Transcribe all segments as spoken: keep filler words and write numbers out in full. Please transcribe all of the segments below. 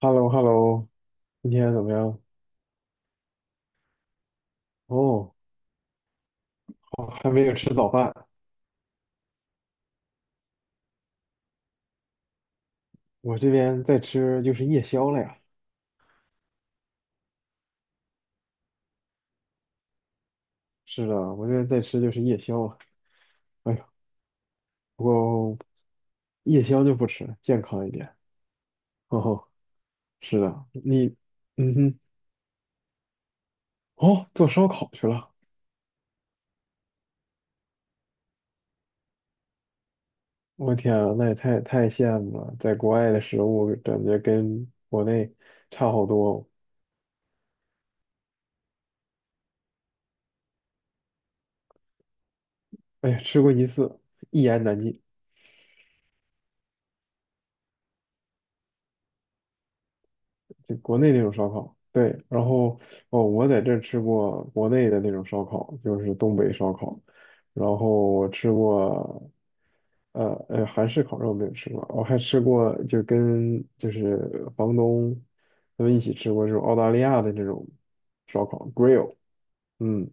h e l l o h e l l o 今天怎么样？哦，好还没有吃早饭，我这边在吃就是夜宵了呀。是的，我这边在吃就是夜宵啊。哎呀，不过夜宵就不吃了，健康一点。哦，是的，你，嗯哼，哦，做烧烤去了。我天啊，那也太太羡慕了，在国外的食物感觉跟国内差好多哦。哎呀，吃过一次，一言难尽。就国内那种烧烤，对，然后哦，我在这儿吃过国内的那种烧烤，就是东北烧烤，然后我吃过，呃呃，韩式烤肉没有吃过，我还吃过就跟就是房东他们一起吃过这种澳大利亚的这种，嗯，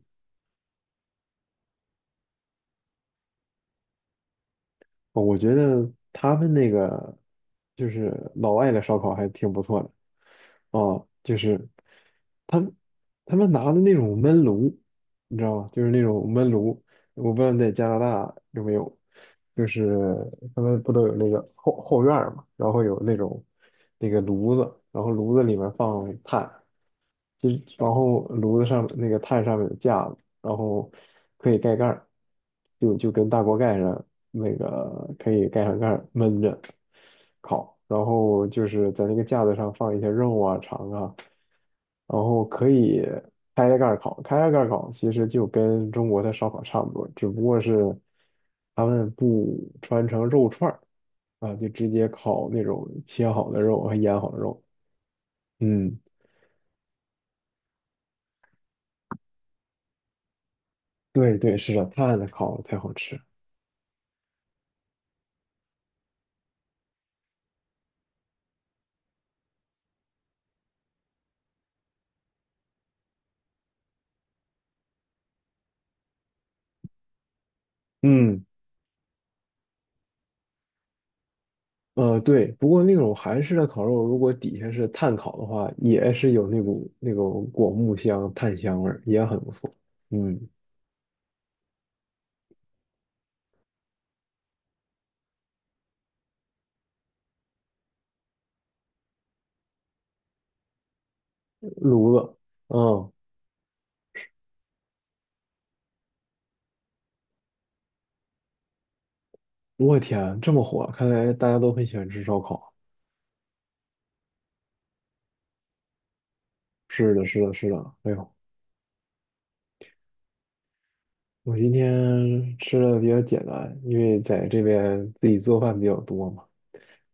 我觉得他们那个就是老外的烧烤还挺不错的哦，就是他们他们拿的那种焖炉，你知道吗？就是那种焖炉，我不知道你在加拿大有没有，就是他们不都有那个后后院儿嘛，然后有那种那个炉子，然后炉子里面放炭，就然后炉子上那个炭上面有架子，然后可以盖盖儿，就就跟大锅盖上那个可以盖上盖儿闷着烤，然后就是在那个架子上放一些肉啊、肠啊，然后可以开着盖儿烤，开着盖儿烤其实就跟中国的烧烤差不多，只不过是他们不穿成肉串儿啊，就直接烤那种切好的肉和腌好的肉，嗯。对对，是的，炭的烤才好吃。嗯，呃，对，不过那种韩式的烤肉，如果底下是炭烤的话，也是有那股那种果木香、炭香味儿，也很不错。嗯，炉子，嗯，我天，这么火，看来大家都很喜欢吃烧烤。是的，是的，是的，哎呦，我今天吃的比较简单，因为在这边自己做饭比较多嘛，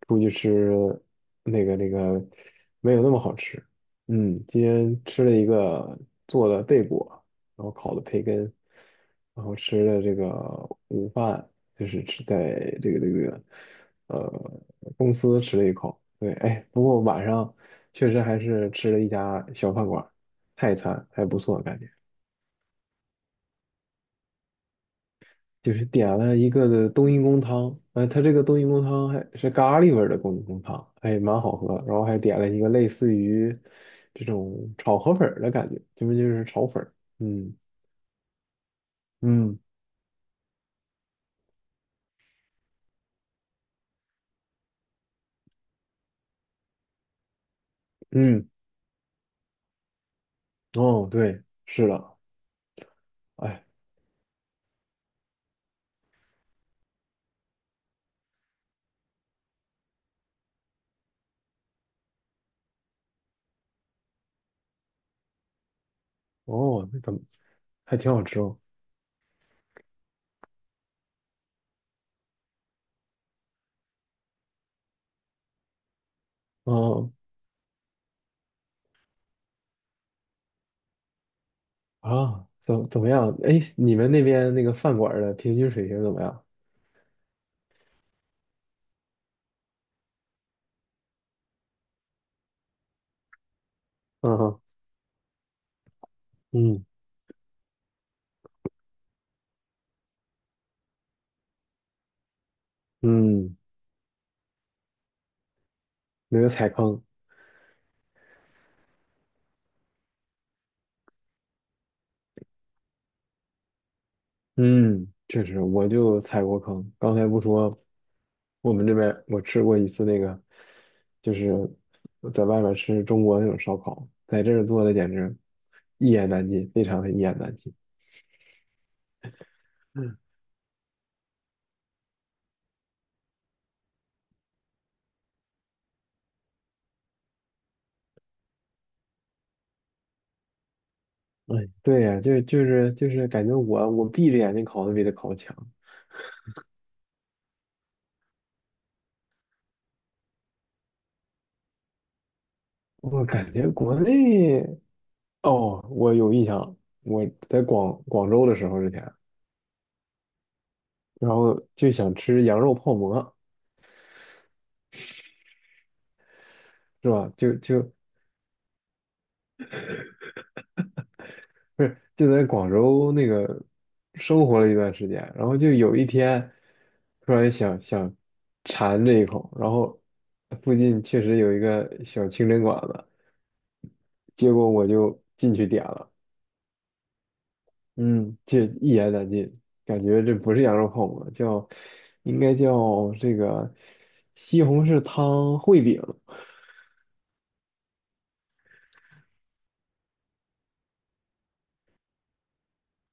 出去吃那个那个没有那么好吃。嗯，今天吃了一个做的贝果，然后烤的培根，然后吃了这个午饭，就是吃在这个这个呃公司吃了一口。对，哎，确实还是吃了一家小饭馆，泰餐还不错，感觉。就是点了一个的冬阴功汤，呃，它这个冬阴功汤还是咖喱味儿的冬阴功汤，哎，蛮好喝。然后还点了一个类似于这种炒河粉儿的感觉，就是就是炒粉儿，嗯嗯嗯，哦，对，是的，哎，哦，那怎么还挺好吃哦，嗯啊，怎怎么样？哎，你们那边那个饭馆儿的平均水平怎么样？嗯哼嗯嗯，没有踩坑，嗯，确实，我就踩过坑。刚才不说，我们这边我吃过一次那个，就是在外面吃中国那种烧烤，在这儿做的简直一言难尽，非常的一言难尽。嗯，哎，对呀，就就是就是感觉我我闭着眼睛烤都比他烤强。我感觉国内哦，我有印象，我在广广州的时候之前，然后就想吃羊肉泡馍，是吧？就就不是就在广州那个生活了一段时间，然后就有一天突然想想馋这一口，然后附近确实有一个小清真馆子，结果我就进去点了，嗯，这一言难尽，感觉这不是羊肉泡馍，叫应该叫这个西红柿汤烩饼，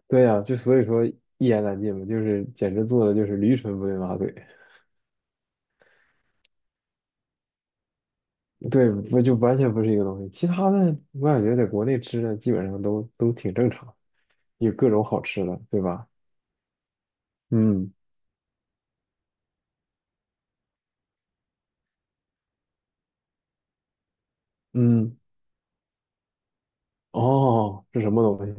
对呀、就所以说一言难尽嘛，就是简直做的就是驴唇不对马嘴。对，不就完全不是一个东西。其他的我感觉在国内吃的基本上都都挺正常，有各种好吃的，对吧？嗯嗯，哦，是什么东西？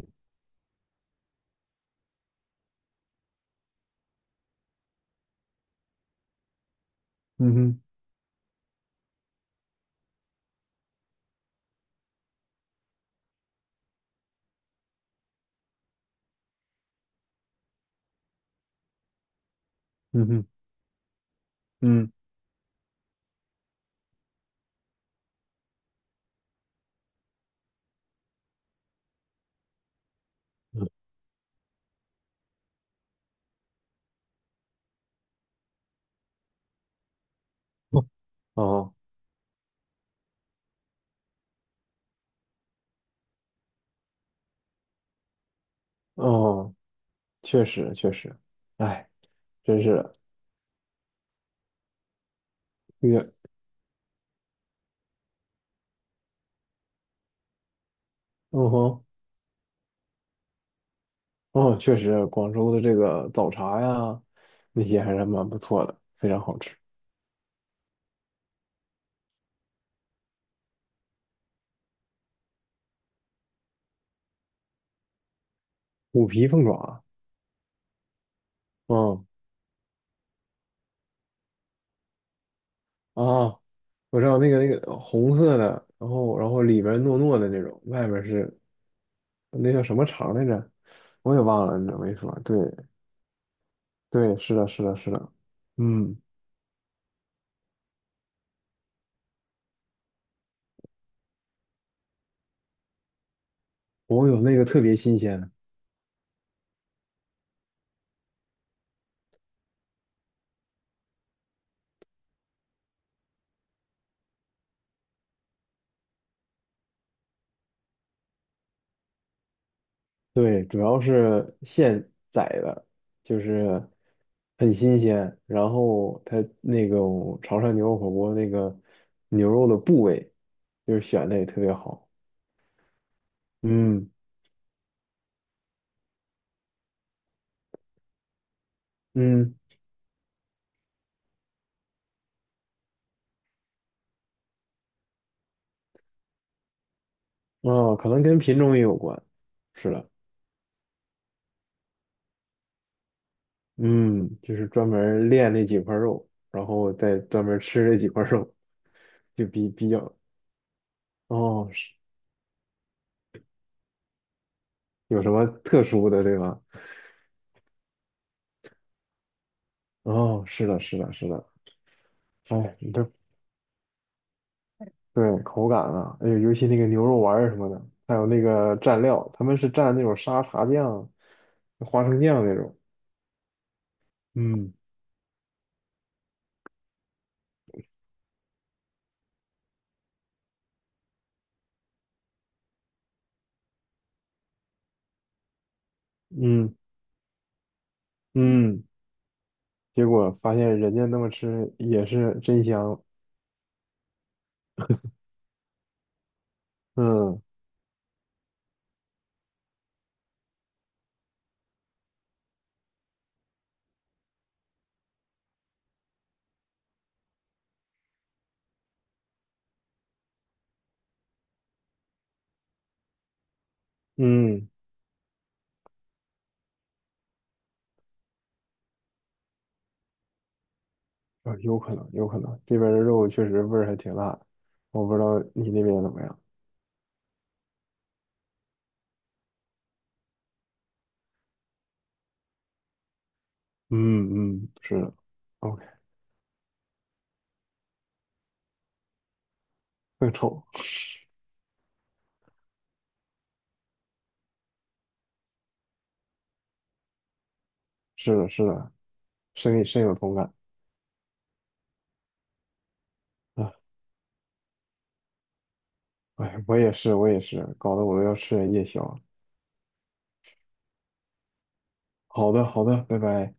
嗯哼嗯哼嗯，哦哦，确实确实，哎，真是的这个，嗯哼，哦，确实，广州的这个早茶呀，那些还是蛮不错的，非常好吃。虎皮凤爪啊，嗯。啊，我知道那个那个红色的，然后然后里边糯糯的那种，外边是那叫什么肠来着？我也忘了，你怎么一说？对对，是的，是的，是的，嗯，我有那个特别新鲜的对，主要是现宰的，就是很新鲜，然后它那种潮汕牛肉火锅那个牛肉的部位，就是选的也特别好，嗯嗯，哦，可能跟品种也有关，是的。嗯，就是专门儿练那几块肉，然后再专门儿吃那几块肉，就比比较哦，是有什么特殊的对吧？哦，是的，是的，是的。哎，你这对口感啊，哎呦，尤其那个牛肉丸儿什么的，还有那个蘸料，他们是蘸那种沙茶酱、花生酱那种。嗯嗯嗯，结果发现人家那么吃也是真香。嗯嗯。啊，有可能，有可能，这边儿的肉确实味儿还挺辣的，我不知道你那边怎么样。嗯嗯，是的，OK，更臭，是的，是的，深深有同感啊。哎，我也是，我也是，搞得我都要吃点夜宵了好的，好的，拜拜。